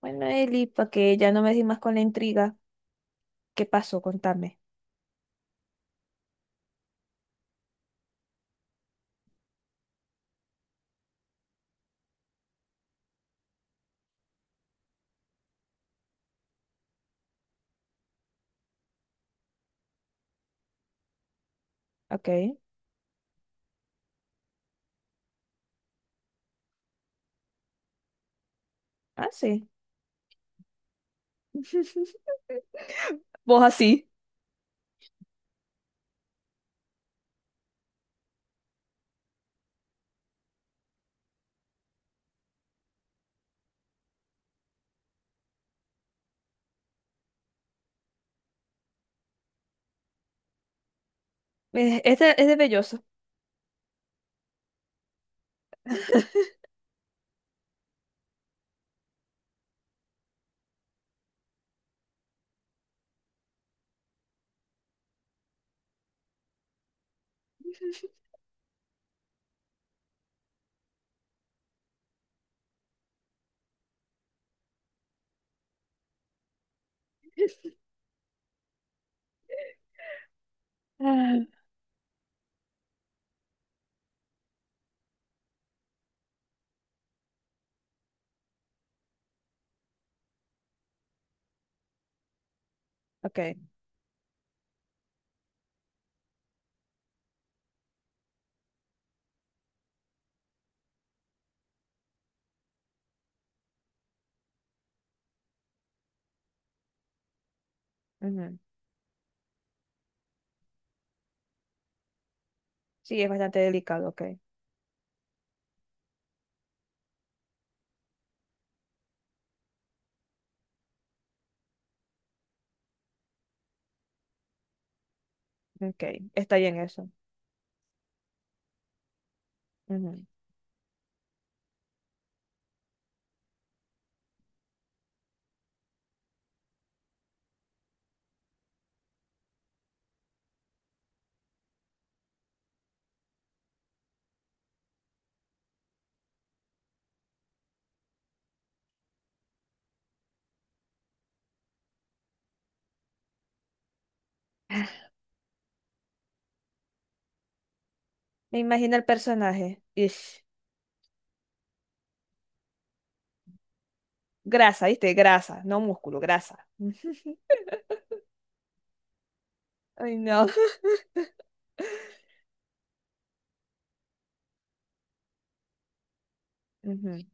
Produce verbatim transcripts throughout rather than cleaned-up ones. Bueno, Eli, para que ya no me di más con la intriga, ¿qué pasó? Contame. Ok. Ah, sí. Vos así. Eh, Este es de velloso. Ah, ok. Ujú. Sí, es bastante delicado. Ok. Ok. Está bien eso. Ujú. Me imagino el personaje. Ish. Grasa, ¿viste? Grasa, no músculo, grasa. Ujú. Ay, no. Ujú.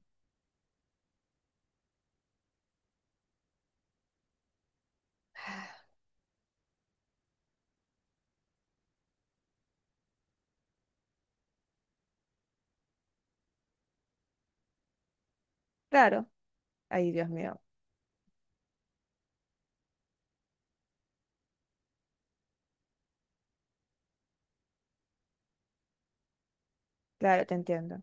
Claro. Ay, Dios mío. Claro, te entiendo.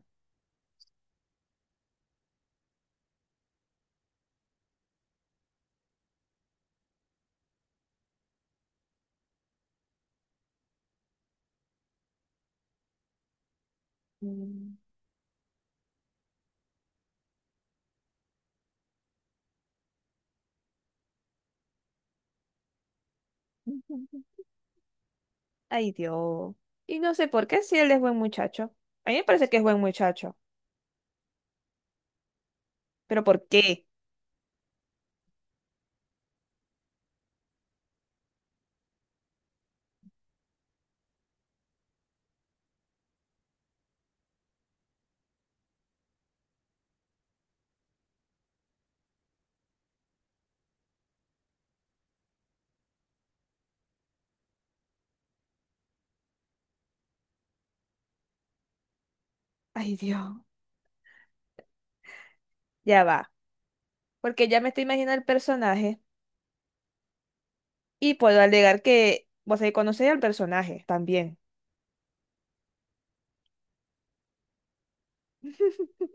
Mm. Ay, Dios. Y no sé por qué si él es buen muchacho. A mí me parece que es buen muchacho. Pero ¿por qué? Ay, Dios. Ya va. Porque ya me estoy imaginando el personaje y puedo alegar que vos ahí conocéis al personaje también.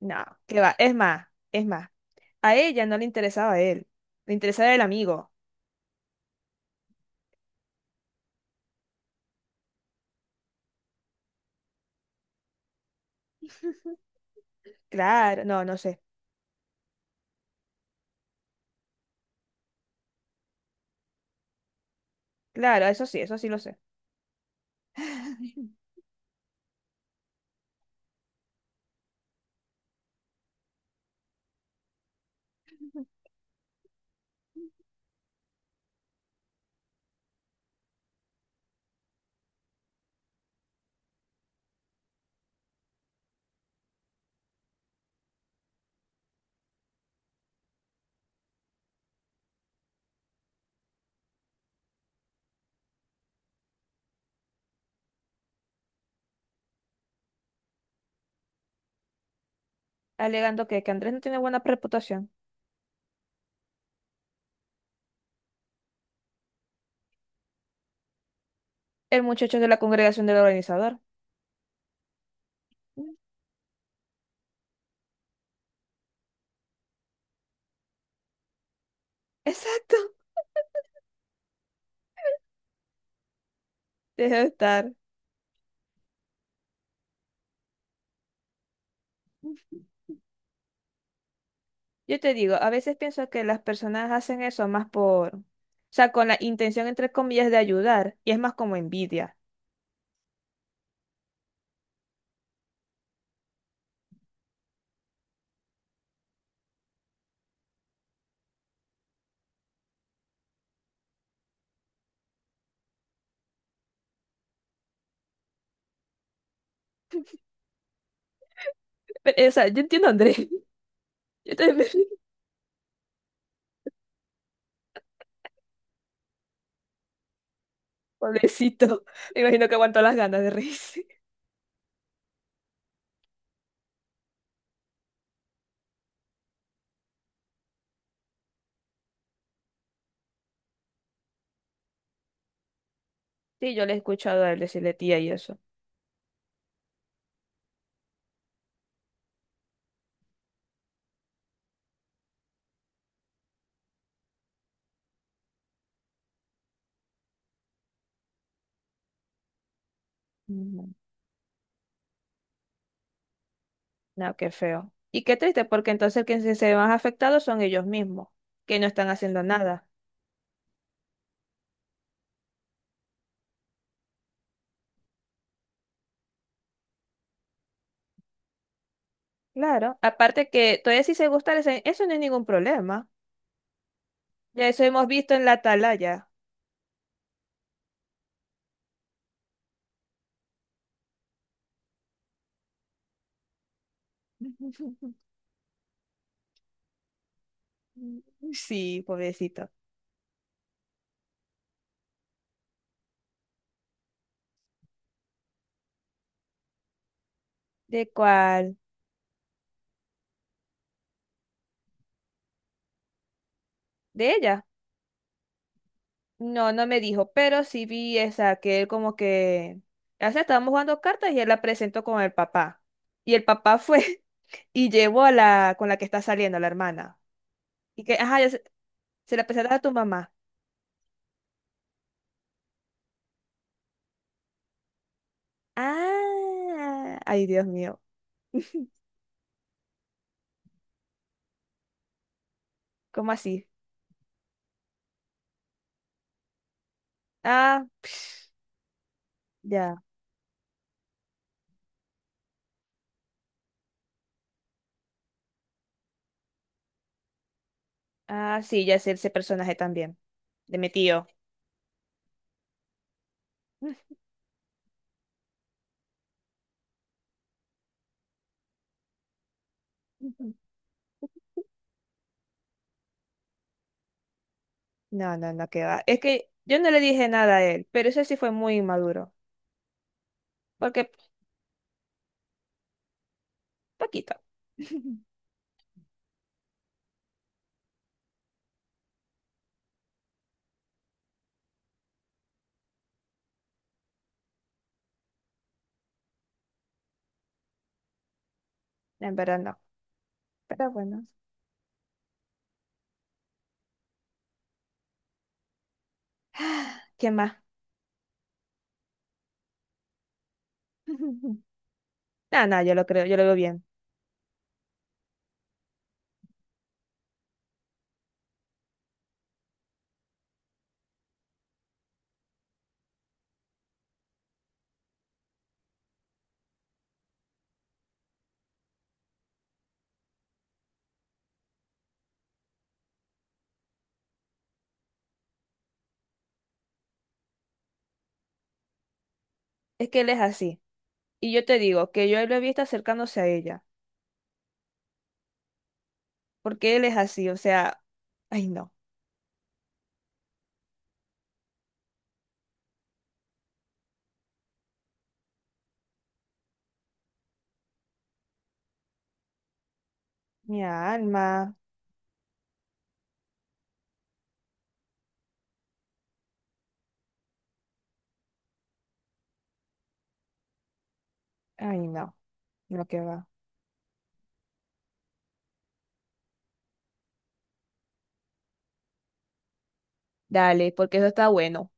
No, qué va. Es más, es más. A ella no le interesaba a él. Le interesaba el amigo. Claro, no, no sé. Claro, eso sí, eso sí lo sé. Alegando que, que Andrés no tiene buena reputación. El muchacho es de la congregación del organizador. Mm, exacto. Debe estar. Yo te digo, a veces pienso que las personas hacen eso más por, o sea, con la intención, entre comillas, de ayudar, y es más como envidia. Pero, eh, o sea, yo entiendo a Andrés, yo también me pobrecito, me imagino que aguantó las ganas de reírse. Sí, yo le he escuchado a él decirle tía y eso. Mm, no, qué feo. Y qué triste, porque entonces quienes se se ven más afectados son ellos mismos, que no están haciendo nada. Claro, aparte que todavía si se gusta, eso no es ningún problema. Ya eso hemos visto en la atalaya. Sí, pobrecito. ¿De cuál? ¿De ella? No, no me dijo, pero sí vi esa, que él como que... O sea, estábamos jugando cartas y él la presentó con el papá. Y el papá fue y llevó a la con la que está saliendo, la hermana. Y que, ajá, ya se, se la presentaste a tu mamá. Ah, ay, Dios mío. ¿Cómo así? Ah, ya. Ah, sí, ya sé ese personaje también, de mi tío. No, no, no, que va. Es que yo no le dije nada a él, pero eso sí fue muy inmaduro. Porque, poquito. En verdad no. Pero bueno. ¿Qué más? No, no, yo lo creo, yo lo veo bien. Es que él es así. Y yo te digo que yo lo he visto acercándose a ella. Porque él es así, o sea, ay no. Mi alma. Ay no. Lo que va. Dale, porque eso está bueno.